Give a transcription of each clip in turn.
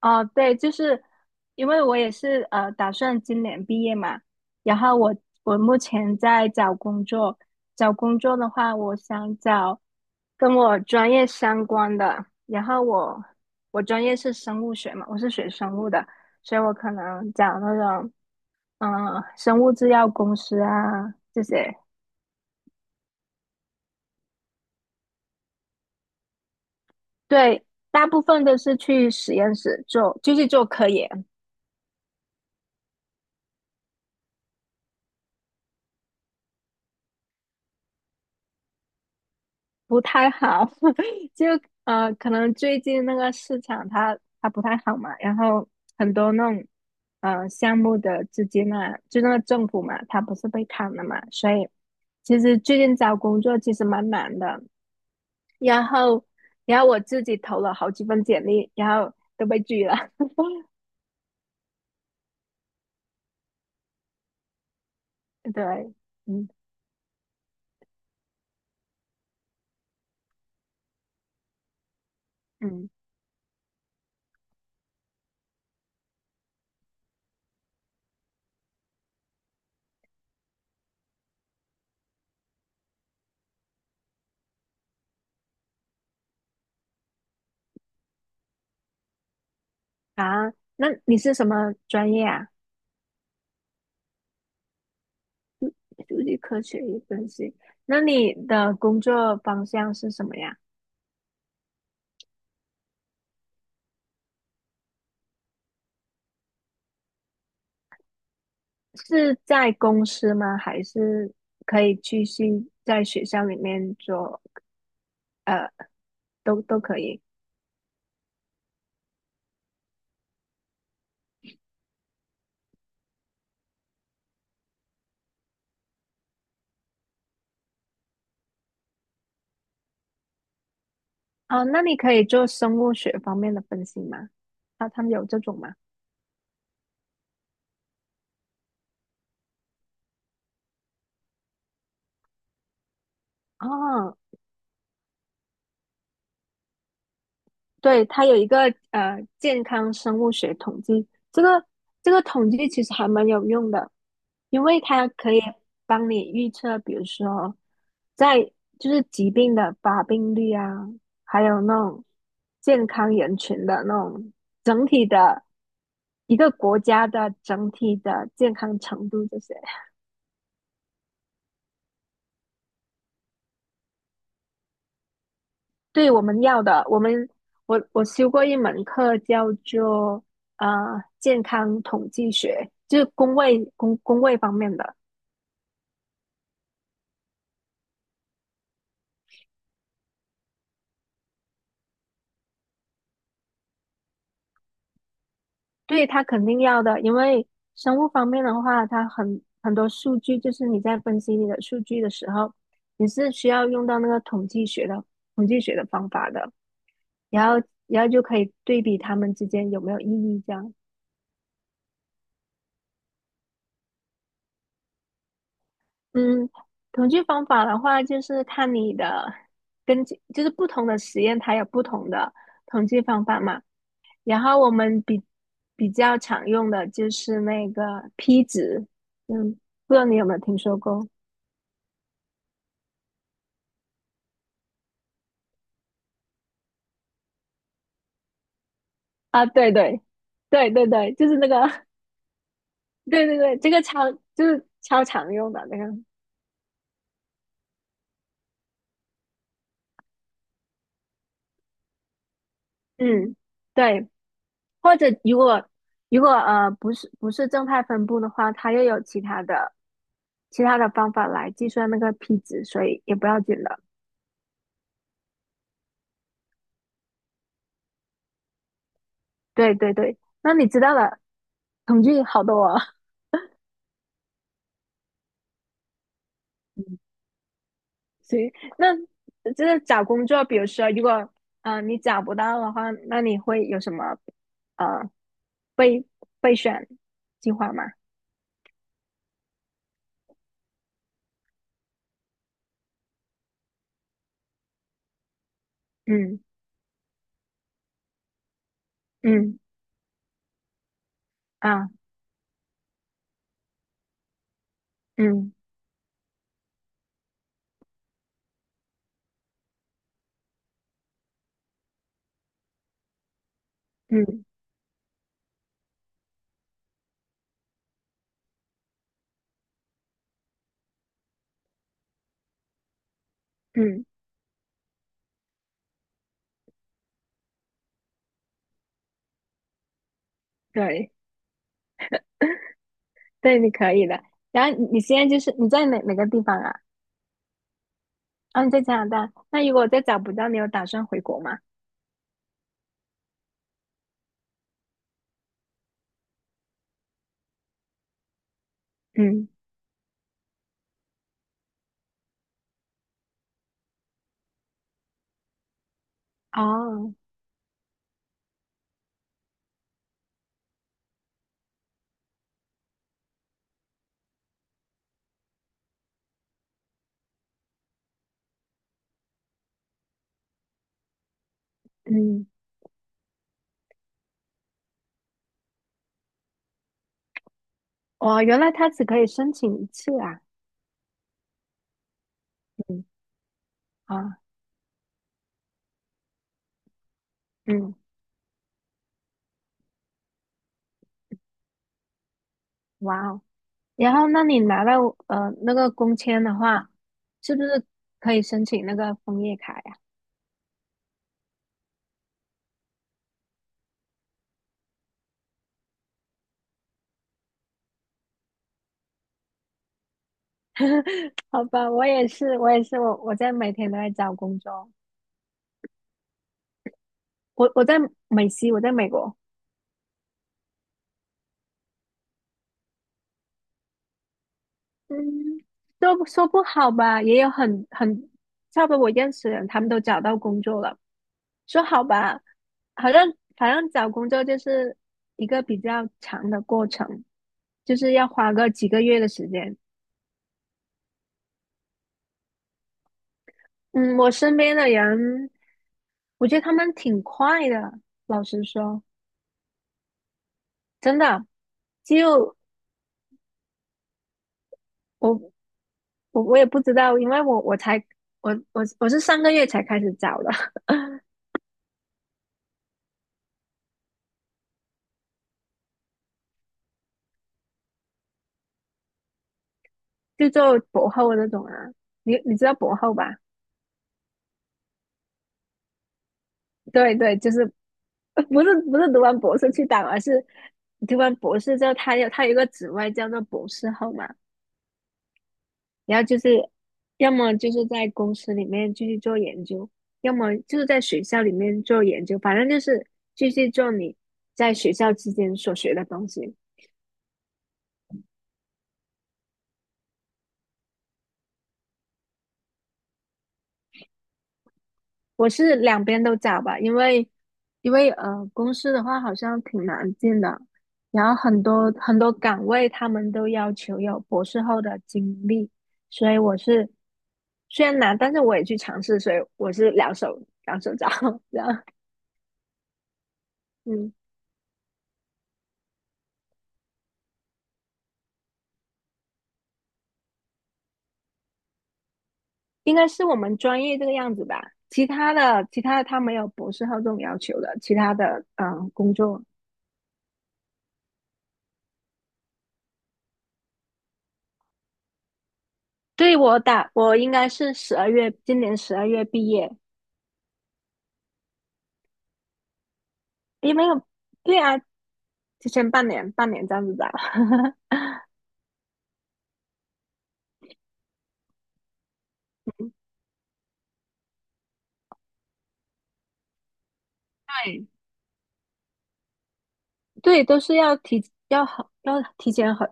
哦，对，就是因为我也是打算今年毕业嘛，然后我目前在找工作，找工作的话，我想找跟我专业相关的，然后我专业是生物学嘛，我是学生物的，所以我可能找那种嗯、生物制药公司啊这些，对，大部分都是去实验室做，就是做科研。不太好，就可能最近那个市场它不太好嘛，然后很多那种项目的资金啊，就那个政府嘛，它不是被砍了嘛，所以其实最近找工作其实蛮难的。然后，然后我自己投了好几份简历，然后都被拒了。对，嗯嗯啊，那你是什么专业啊？数据科学与分析。那你的工作方向是什么呀？是在公司吗？还是可以继续在学校里面做？呃，都可以。哦，那你可以做生物学方面的分析吗？他们有这种吗？哦，对，它有一个健康生物学统计，这个统计其实还蛮有用的，因为它可以帮你预测，比如说在就是疾病的发病率啊，还有那种健康人群的那种整体的一个国家的整体的健康程度这些。对，我们要的，我们我修过一门课叫做健康统计学，就是工位方面的，对，他肯定要的，因为生物方面的话，它很多数据，就是你在分析你的数据的时候，你是需要用到那个统计学的方法的，然后就可以对比他们之间有没有意义这样。嗯，统计方法的话，就是看你的根据，就是不同的实验它有不同的统计方法嘛。然后我们比较常用的就是那个 p 值，嗯，不知道你有没有听说过啊？对对，就是那个，对对对，这个超就是超常用的那个，嗯，对。或者如果如果不是正态分布的话，它又有其他的。其他的方法来计算那个 p 值，所以也不要紧的。对对对，那你知道了，统计好多啊。嗯行，那就是找工作，比如说，如果你找不到的话，那你会有什么呃备备选计划吗？嗯嗯啊嗯嗯嗯，对对，你可以的。然后你现在就是你在哪个地方啊？啊，你在加拿大。那如果再找不到，你有打算回国吗？嗯，哦，嗯。哦，原来他只可以申请一次啊！嗯，啊，嗯，哇哦。然后，那你拿到那个工签的话，是不是可以申请那个枫叶卡呀？好吧，我也是，我也是，我在每天都在找工作，我在美西，我在美国，嗯，说不好吧，也有差不多我认识的人，他们都找到工作了，说好吧，好像好像找工作就是一个比较长的过程，就是要花个几个月的时间。嗯，我身边的人，我觉得他们挺快的，老实说，真的。就我我也不知道，因为我是上个月才开始找的，就做博后那种啊。你知道博后吧？对对，就是 不是读完博士去打，而是你读完博士之后，他有一个职位叫做博士后嘛，然后就是要么就是在公司里面继续做研究，要么就是在学校里面做研究，反正就是继续做你在学校期间所学的东西。我是两边都找吧，因为公司的话好像挺难进的，然后很多岗位他们都要求有博士后的经历，所以我是虽然难，但是我也去尝试，所以我是两手找 这样嗯，应该是我们专业这个样子吧，其他的他没有博士后这种要求的，其他的工作，我应该是十二月今年十二月毕业，也没有。对啊，提前半年，半年这样子打。对，对，都是要提要好要提前很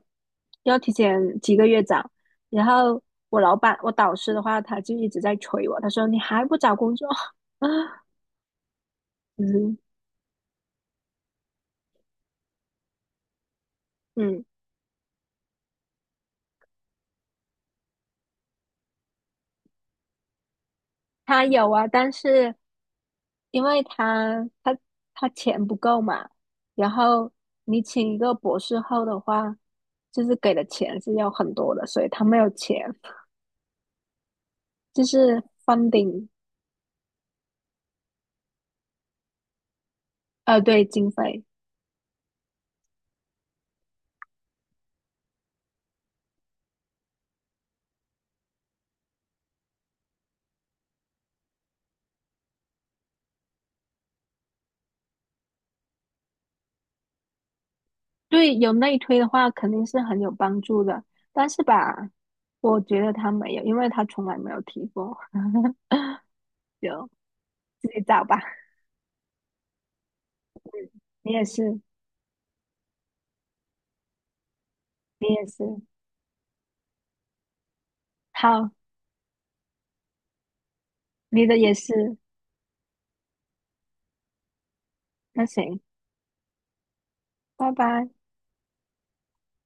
要提前几个月找。然后我老板我导师的话，他就一直在催我，他说你还不找工作？嗯嗯，他有啊，但是因为他钱不够嘛，然后你请一个博士后的话，就是给的钱是要很多的，所以他没有钱，就是 funding,呃，对，经费。对，有内推的话肯定是很有帮助的，但是吧，我觉得他没有，因为他从来没有提过，就自己找吧。你也是，你也是，好，你的也是，那行，拜拜。